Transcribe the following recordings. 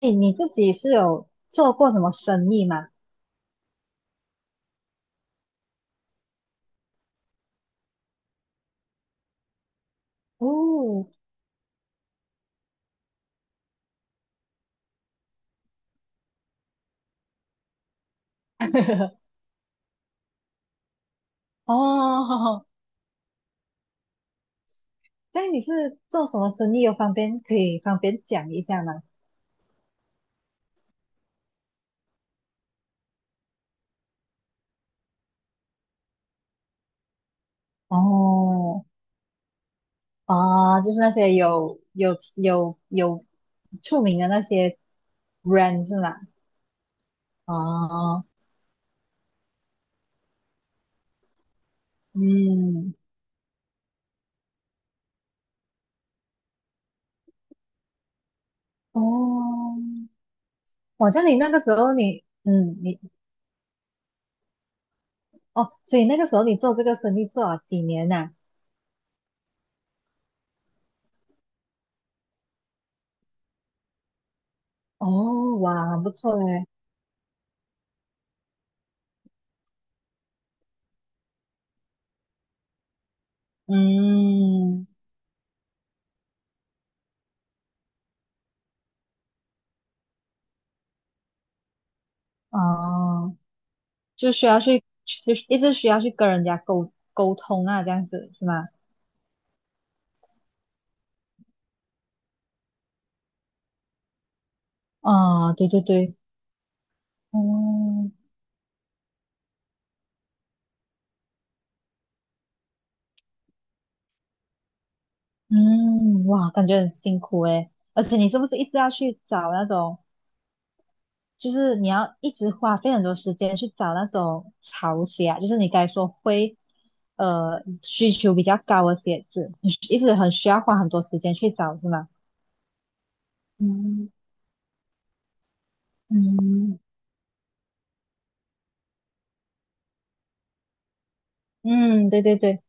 哎，你自己是有做过什么生意吗？哦，哦，所以你是做什么生意？有方便可以方便讲一下吗？哦，哦，就是那些有出名的那些人是吗？哦，嗯，哦，我叫你那个时候你，嗯，你哦，所以那个时候你做这个生意做了几年呐、哦，哇，很不错诶，嗯。哦，就需要去，就是一直需要去跟人家沟通啊，这样子是吗？哦，对对对，哦，嗯，哇，感觉很辛苦诶。而且你是不是一直要去找那种，就是你要一直花费很多时间去找那种潮鞋啊，就是你该说会，需求比较高的鞋子，你一直很需要花很多时间去找是吗？嗯嗯嗯，对对对，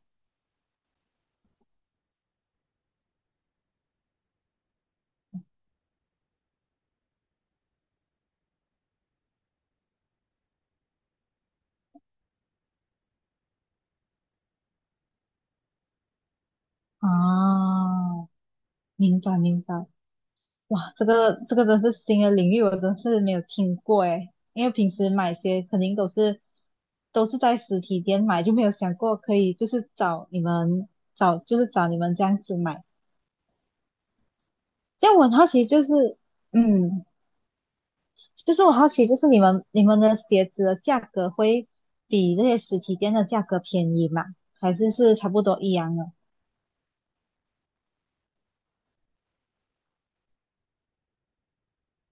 哦，明白明白。哇，这个这个真是新的领域，我真是没有听过诶，因为平时买鞋肯定都是都是在实体店买，就没有想过可以就是找你们找就是找你们这样子买。这样我很好奇，就是嗯，就是我好奇就是你们的鞋子的价格会比这些实体店的价格便宜吗？还是是差不多一样的？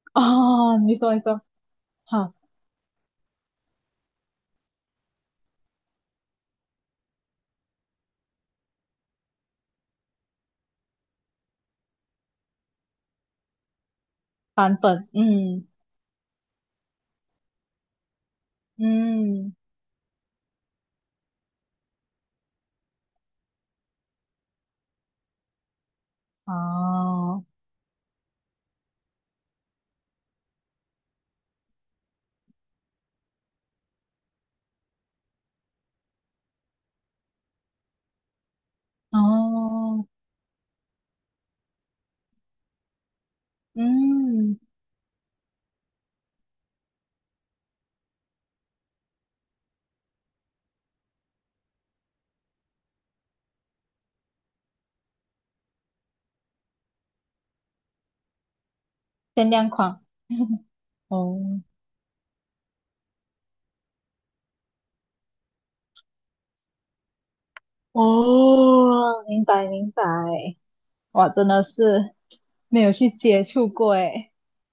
哦，你说你说，好，版本，嗯嗯，哦哦。嗯，限量款哦哦，明白明白，哇，真的是没有去接触过诶，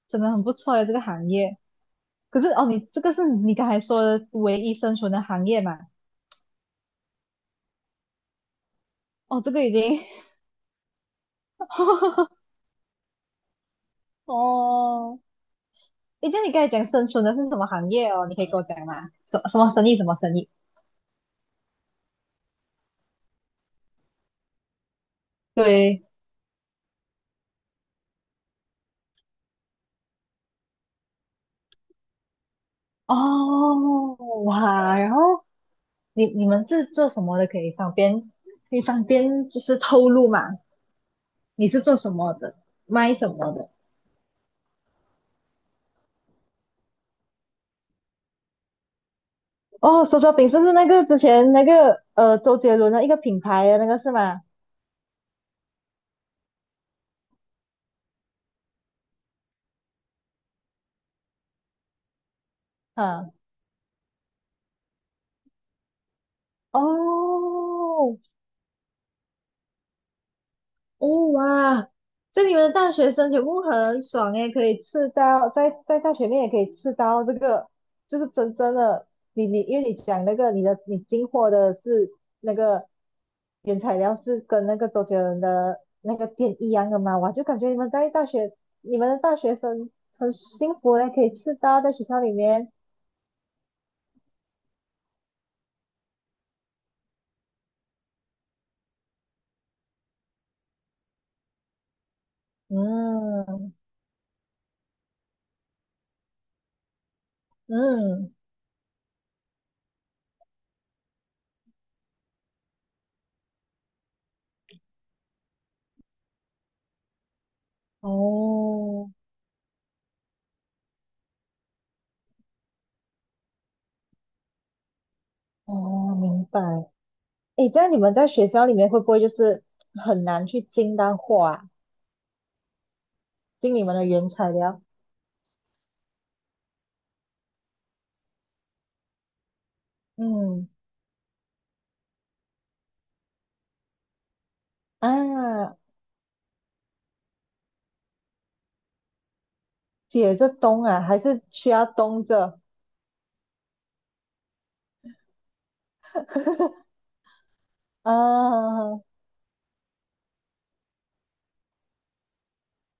真的很不错的这个行业。可是哦，你这个是你刚才说的唯一生存的行业嘛？哦，这个已经 哦，诶，这样你刚才讲生存的是什么行业哦？你可以跟我讲吗？什么生意？什么生意？对，哦，哇，然后。你你们是做什么的？可以方便就是透露嘛？你是做什么的？卖什么的？哦，手抓饼是不是那个之前那个周杰伦的一个品牌的那个是吗？嗯，哦哦哇！所以你们的大学生全部很爽诶，可以吃到在大学面也可以吃到这个，就是真正的你你因为你讲那个你的你进货的是那个原材料是跟那个周杰伦的那个店一样的嘛，我就感觉你们在大学，你们的大学生很幸福诶，可以吃到在学校里面。嗯嗯，哦哦，明白。诶，这样你们在学校里面会不会就是很难去进到货啊？进你们的原材料？嗯啊，解着冻啊，还是需要冻着啊，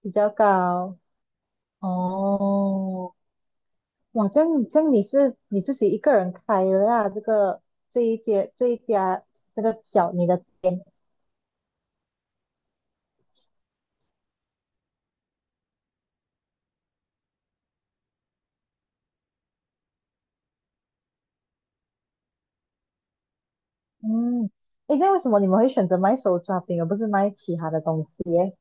比较高哦。哇，这样这样你是你自己一个人开的啊？这个这一间这一家这个小你的店，嗯，诶，这样为什么你们会选择卖手抓饼而不是卖其他的东西耶？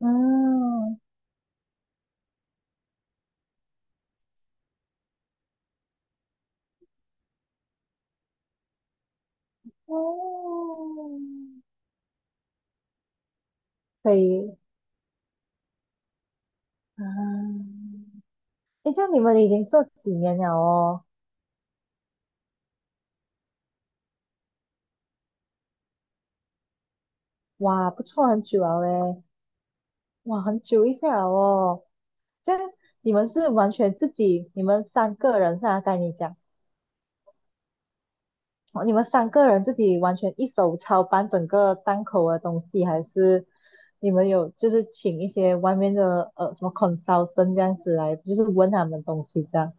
嗯，哦，可以啊，诶，这样你们已经做几年了哦？哇，不错，很久了诶，哇，很久一下了哦。这样你们是完全自己，你们三个人是啊？该你讲。哦你们三个人自己完全一手操办整个档口的东西，还是你们有就是请一些外面的什么 consultant 这样子来，就是问他们东西这样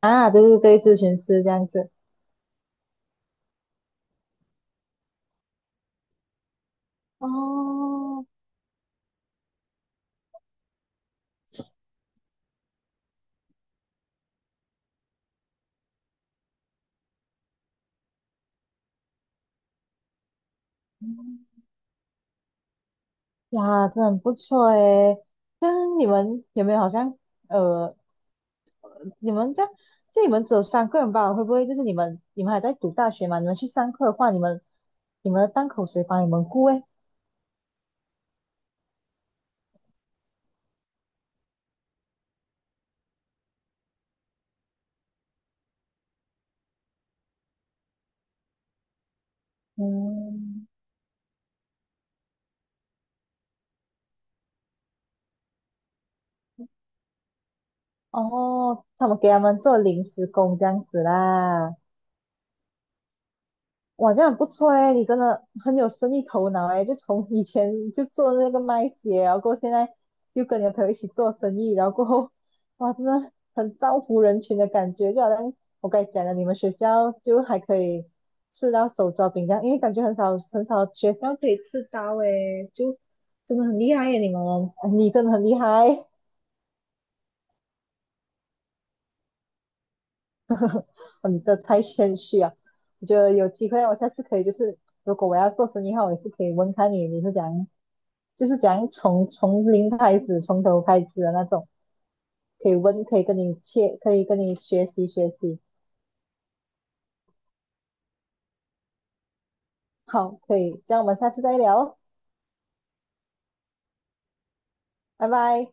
啊？对对对，咨询师这样子。哦，呀，真的很不错诶。但你们有没有好像呃，你们这样，就你们只有三个人吧？会不会就是你们还在读大学嘛？你们去上课的话，你们的档口谁帮你们顾诶？嗯，哦，他们给他们做临时工这样子啦，哇，这样很不错诶，你真的很有生意头脑诶，就从以前就做那个卖鞋，然后过后现在又跟你的朋友一起做生意，然后过后，哇，真的很造福人群的感觉，就好像我刚才讲的，你们学校就还可以吃到手抓饼这样，因为感觉很少很少学校可以吃到诶，就真的很厉害耶，你们，你真的很厉害，哦，你这太谦虚啊！我觉得有机会我下次可以，就是如果我要做生意的话，我也是可以问看你你是怎样，就是怎样从零开始，从头开始的那种，可以问，可以跟你切，可以跟你学习学习。好，可以，这样我们下次再聊哦，拜拜。